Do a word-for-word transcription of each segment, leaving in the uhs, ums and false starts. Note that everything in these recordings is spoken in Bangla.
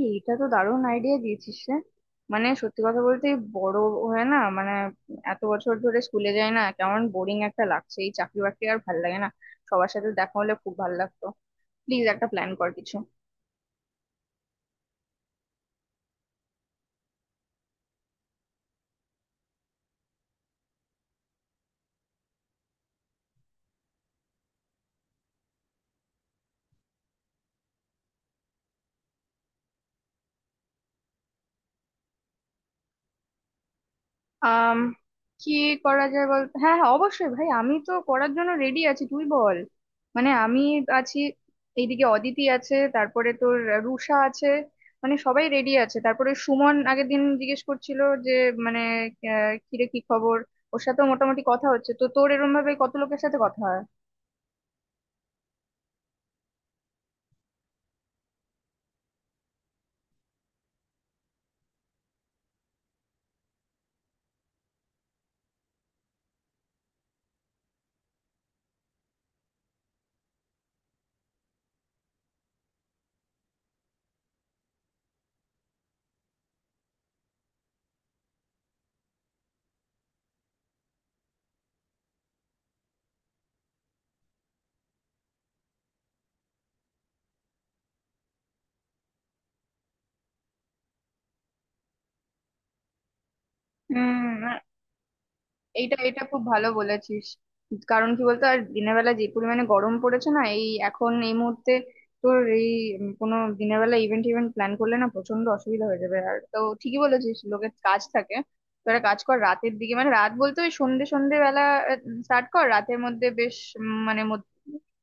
এই, এটা তো দারুণ আইডিয়া দিয়েছিস রে। মানে সত্যি কথা বলতে এই বড় হয়ে না, মানে এত বছর ধরে স্কুলে যাই না, কেমন বোরিং একটা লাগছে, এই চাকরি বাকরি আর ভাল লাগে না। সবার সাথে দেখা হলে খুব ভাল লাগতো। প্লিজ একটা প্ল্যান কর কিছু। আম কি করা যায় বল। হ্যাঁ, হ্যাঁ, অবশ্যই ভাই, আমি তো করার জন্য রেডি আছি, তুই বল। মানে আমি আছি, এইদিকে অদিতি আছে, তারপরে তোর রুষা আছে। মানে সবাই রেডি আছে। তারপরে সুমন আগের দিন জিজ্ঞেস করছিল যে, মানে আহ, কিরে কি খবর। ওর সাথেও মোটামুটি কথা হচ্ছে, তো তোর এরম ভাবে কত লোকের সাথে কথা হয়? হুম। এইটা এটা খুব ভালো বলেছিস। কারণ কি বলতো, আর দিনের বেলা যে পরিমাণে গরম পড়েছে না এই এখন এই মুহূর্তে, তোর এই উম কোনো দিনের বেলা ইভেন্ট ইভেন্ট প্ল্যান করলে না প্রচন্ড অসুবিধা হয়ে যাবে। আর তো ঠিকই বলেছিস লোকের কাজ থাকে। তো একটা কাজ কর, রাতের দিকে, মানে রাত বলতে ওই সন্ধ্যে সন্ধ্যে বেলা স্টার্ট কর, রাতের মধ্যে বেশ উম, মানে মধ্য-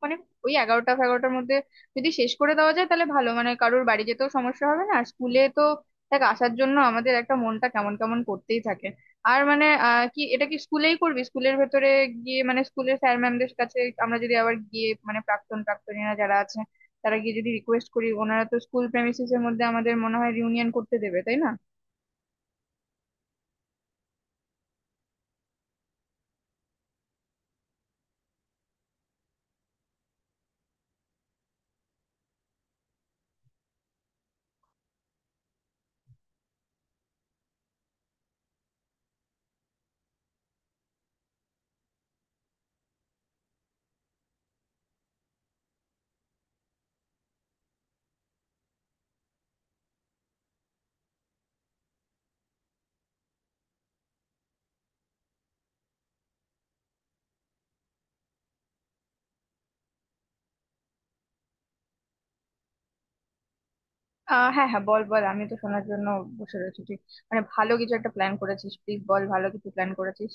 মানে ওই এগারোটা, এগারোটার মধ্যে যদি শেষ করে দেওয়া যায় তাহলে ভালো। মানে কারোর বাড়ি যেতেও সমস্যা হবে না। আর স্কুলে তো, দেখ, আসার জন্য আমাদের একটা মনটা কেমন কেমন করতেই থাকে। আর মানে আহ, কি এটা কি স্কুলেই করবি? স্কুলের ভেতরে গিয়ে মানে স্কুলের স্যার ম্যামদের কাছে আমরা যদি আবার গিয়ে, মানে প্রাক্তন প্রাক্তনীরা যারা আছে তারা গিয়ে যদি রিকোয়েস্ট করি, ওনারা তো স্কুল প্রেমিসিস এর মধ্যে আমাদের মনে হয় রিউনিয়ন করতে দেবে, তাই না? আহ হ্যাঁ, হ্যাঁ, বল বল, আমি তো শোনার জন্য বসে রয়েছি। তুই মানে ভালো কিছু একটা প্ল্যান করেছিস, প্লিজ বল, ভালো কিছু প্ল্যান করেছিস।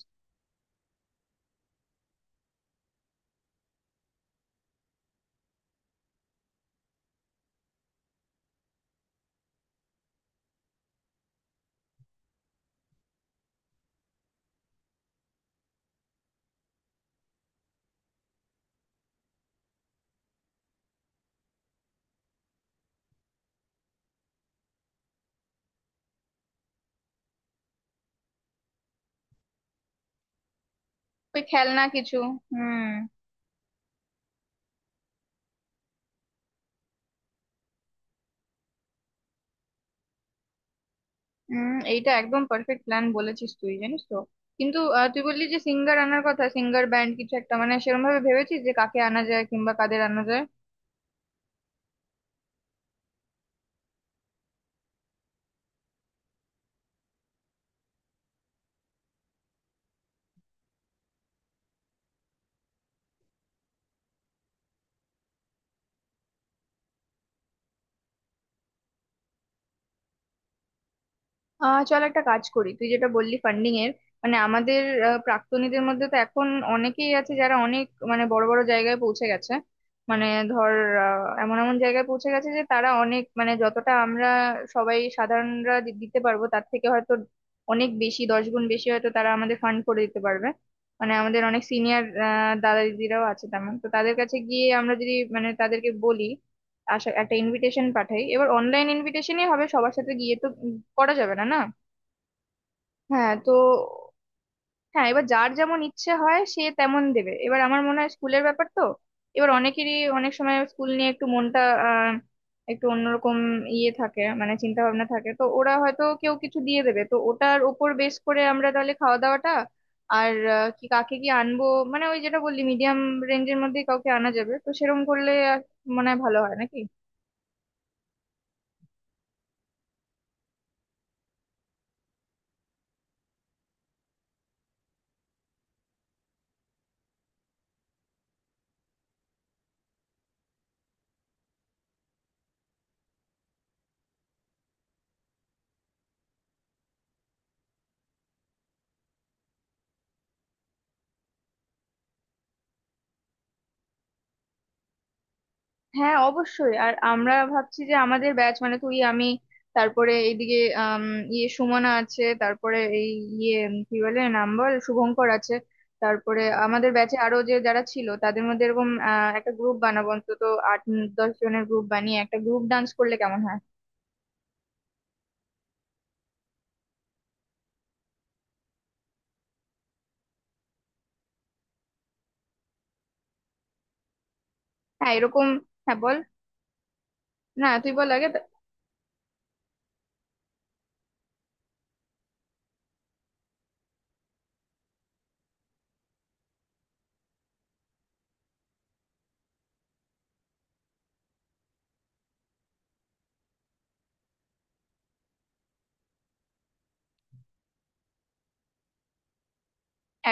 তুই খেলনা কিছু। হুম। হুম, এইটা একদম পারফেক্ট প্ল্যান বলেছিস তুই, জানিস তো। কিন্তু আহ, তুই বললি যে সিঙ্গার আনার কথা, সিঙ্গার ব্যান্ড কিছু একটা, মানে সেরকম ভাবে ভেবেছিস যে কাকে আনা যায় কিংবা কাদের আনা যায়? আহ চল একটা কাজ করি। তুই যেটা বললি ফান্ডিং এর, মানে আমাদের আহ, প্রাক্তনীদের মধ্যে তো এখন অনেকেই আছে যারা অনেক, মানে বড় বড় জায়গায় পৌঁছে গেছে। মানে ধর আহ, এমন এমন জায়গায় পৌঁছে গেছে যে তারা অনেক, মানে যতটা আমরা সবাই সাধারণরা দি- দিতে পারবো তার থেকে হয়তো অনেক বেশি, দশ গুণ বেশি হয়তো তারা আমাদের ফান্ড করে দিতে পারবে। মানে আমাদের অনেক সিনিয়র দাদা দিদিরাও আছে তেমন, তো তাদের কাছে গিয়ে আমরা যদি মানে তাদেরকে বলি, আশা একটা ইনভিটেশন পাঠাই। এবার অনলাইন ইনভিটেশনই হবে, সবার সাথে গিয়ে তো উম, করা যাবে না। না। হ্যাঁ, তো হ্যাঁ, এবার যার যেমন ইচ্ছে হয় সে তেমন দেবে। এবার আমার মনে হয় স্কুলের ব্যাপার তো, এবার অনেকেরই অনেক সময় স্কুল নিয়ে একটু মনটা আহ, একটু অন্যরকম ইয়ে থাকে, মানে চিন্তা ভাবনা থাকে, তো ওরা হয়তো কেউ কিছু দিয়ে দেবে, তো ওটার ওপর বেস করে আমরা তাহলে খাওয়া দাওয়াটা। আর আহ, কি কাকে কি আনবো, মানে ওই যেটা বললি মিডিয়াম রেঞ্জের মধ্যে কাউকে আনা যাবে, তো সেরকম করলে আর মনে হয় ভালো হয় নাকি। হ্যাঁ অবশ্যই। আর আমরা ভাবছি যে আমাদের ব্যাচ, মানে তুই আমি, তারপরে এইদিকে আম, ইয়ে সুমনা আছে, তারপরে এই ইয়ে উম, কি বলে নাম বল, শুভঙ্কর আছে, তারপরে আমাদের ব্যাচে আরো যে যারা ছিল তাদের মধ্যে এরকম আহ, একটা গ্রুপ বানাবো। অন্তত আট, উম, দশ জনের গ্রুপ বানিয়ে একটা গ্রুপ ডান্স করলে কেমন হয়? হ্যাঁ এরকম। হ্যাঁ বল। না তুই বল আগে তা-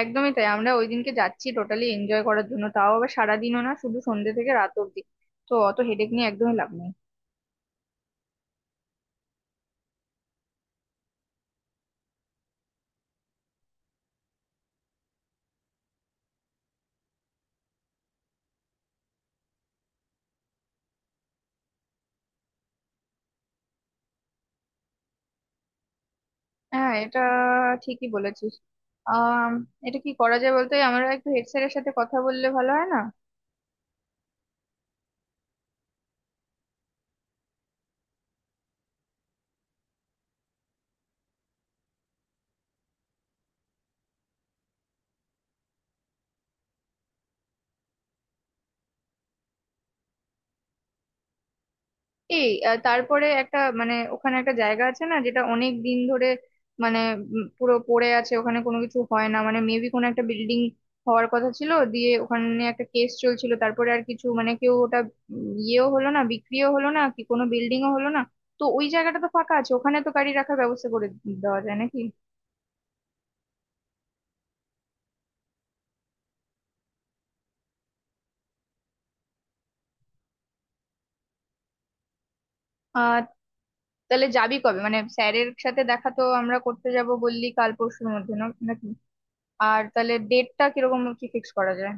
একদমই তাই। আমরা ওই দিনকে যাচ্ছি টোটালি এনজয় করার জন্য, তাও আবার সারাদিনও না, শুধু সন্ধ্যে থেকে রাত অব্দি, তো অত হেডেক নিয়ে একদমই লাভ নেই। হ্যাঁ, এটা ঠিকই বলেছিস। আহ এটা কি করা যায় বলতে, আমরা একটু হেড স্যারের সাথে কথা বললে ভালো হয় না? এই আহ, তারপরে একটা মানে ওখানে একটা জায়গা আছে না, যেটা অনেক দিন ধরে মানে উম, পুরো পড়ে আছে, ওখানে কোনো কিছু হয় না, মানে মেবি কোনো একটা বিল্ডিং হওয়ার কথা ছিল, দিয়ে ওখানে একটা কেস চলছিল, তারপরে আর কিছু মানে কেউ ওটা উম, ইয়েও হলো না, বিক্রিও হলো না, কি কোনো বিল্ডিংও হলো না। তো ওই জায়গাটা তো ফাঁকা আছে, ওখানে তো গাড়ি রাখার ব্যবস্থা করে দেওয়া যায় নাকি। আহ তাহলে যাবি কবে, মানে স্যারের সাথে দেখা তো আমরা করতে যাব, বললি কাল পরশুর মধ্যে না নাকি? আর তাহলে ডেটটা কিরকম কি ফিক্স করা যায়?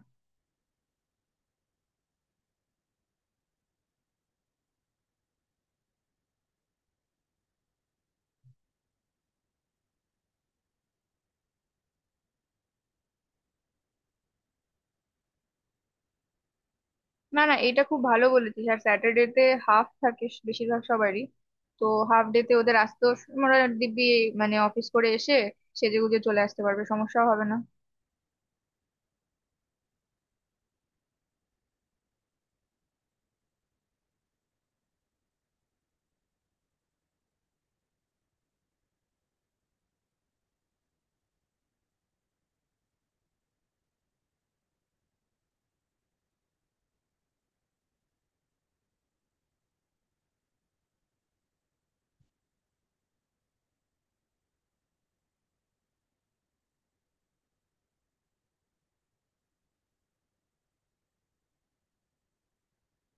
না না, এটা খুব ভালো বলেছিস। আর স্যাটারডে তে হাফ থাকে স- বেশিরভাগ সবারই, তো হাফ ডে তে ওদের আসতেও স- ওরা দিব্যি মানে অফিস করে এসে সেজেগুজে চলে আসতে পারবে, সমস্যা হবে না।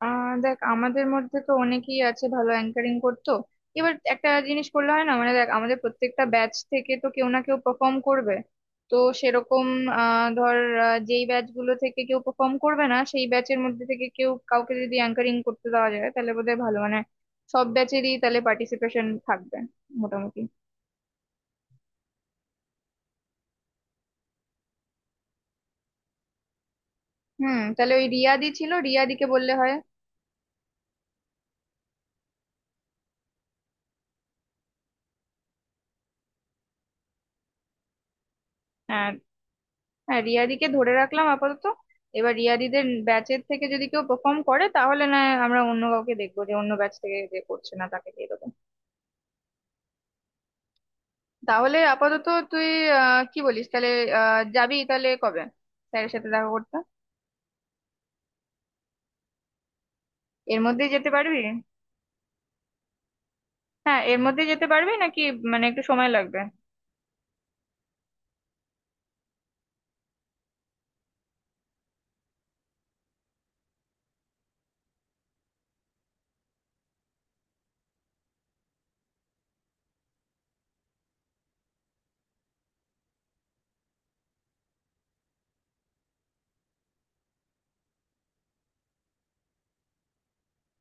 আহ দেখ আমাদের মধ্যে তো অনেকেই আছে ভালো অ্যাঙ্কারিং করতো। এবার একটা জিনিস করলে হয় না, মানে দেখ আমাদের প্রত্যেকটা ব্যাচ থেকে তো কেউ না কেউ পারফর্ম করবে, তো সেরকম আহ ধর আহ, যেই ব্যাচ গুলো থেকে কেউ পারফর্ম করবে না সেই ব্যাচের মধ্যে থেকে কেউ কাউকে যদি অ্যাঙ্কারিং করতে দেওয়া যায় তাহলে বোধহয় ভালো, মানে সব ব্যাচেরই তাহলে পার্টিসিপেশন থাকবে মোটামুটি। হুম, তাহলে ওই রিয়াদি ছিল, রিয়াদিকে বললে হয়। হ্যাঁ। হ্যাঁ, রিয়াদিকে ধরে রাখলাম আপাতত। এবার রিয়াদিদের ব্যাচের থেকে যদি কেউ পারফর্ম করে তাহলে না হয় আমরা অন্য কাউকে দেখবো, যে অন্য ব্যাচ থেকে যে করছে না তাকে দিয়ে দেবো। তাহলে আপাতত তুই আহ কি বলিস তাহলে, আহ যাবি তাহলে কবে স্যারের সাথে দেখা করতে? এর মধ্যেই যেতে পারবি? হ্যাঁ এর মধ্যেই যেতে পারবি নাকি, মানে একটু সময় লাগবে?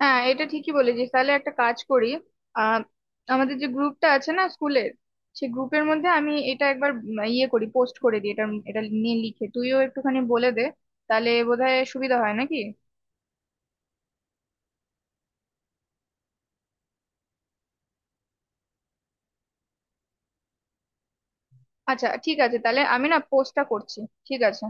হ্যাঁ এটা ঠিকই বলেছিস, তাহলে একটা কাজ করি। আহ আমাদের যে গ্রুপটা আছে না স্কুলের, সেই গ্রুপের মধ্যে আমি এটা একবার উম ইয়ে করি, পোস্ট করে দিই এটা। এটা নিয়ে লিখে তুইও একটুখানি বলে দে, তাহলে বোধহয় সুবিধা হয় নাকি। আচ্ছা, ঠিক আছে তাহলে, আমি না পোস্টটা করছি। ঠিক আছে।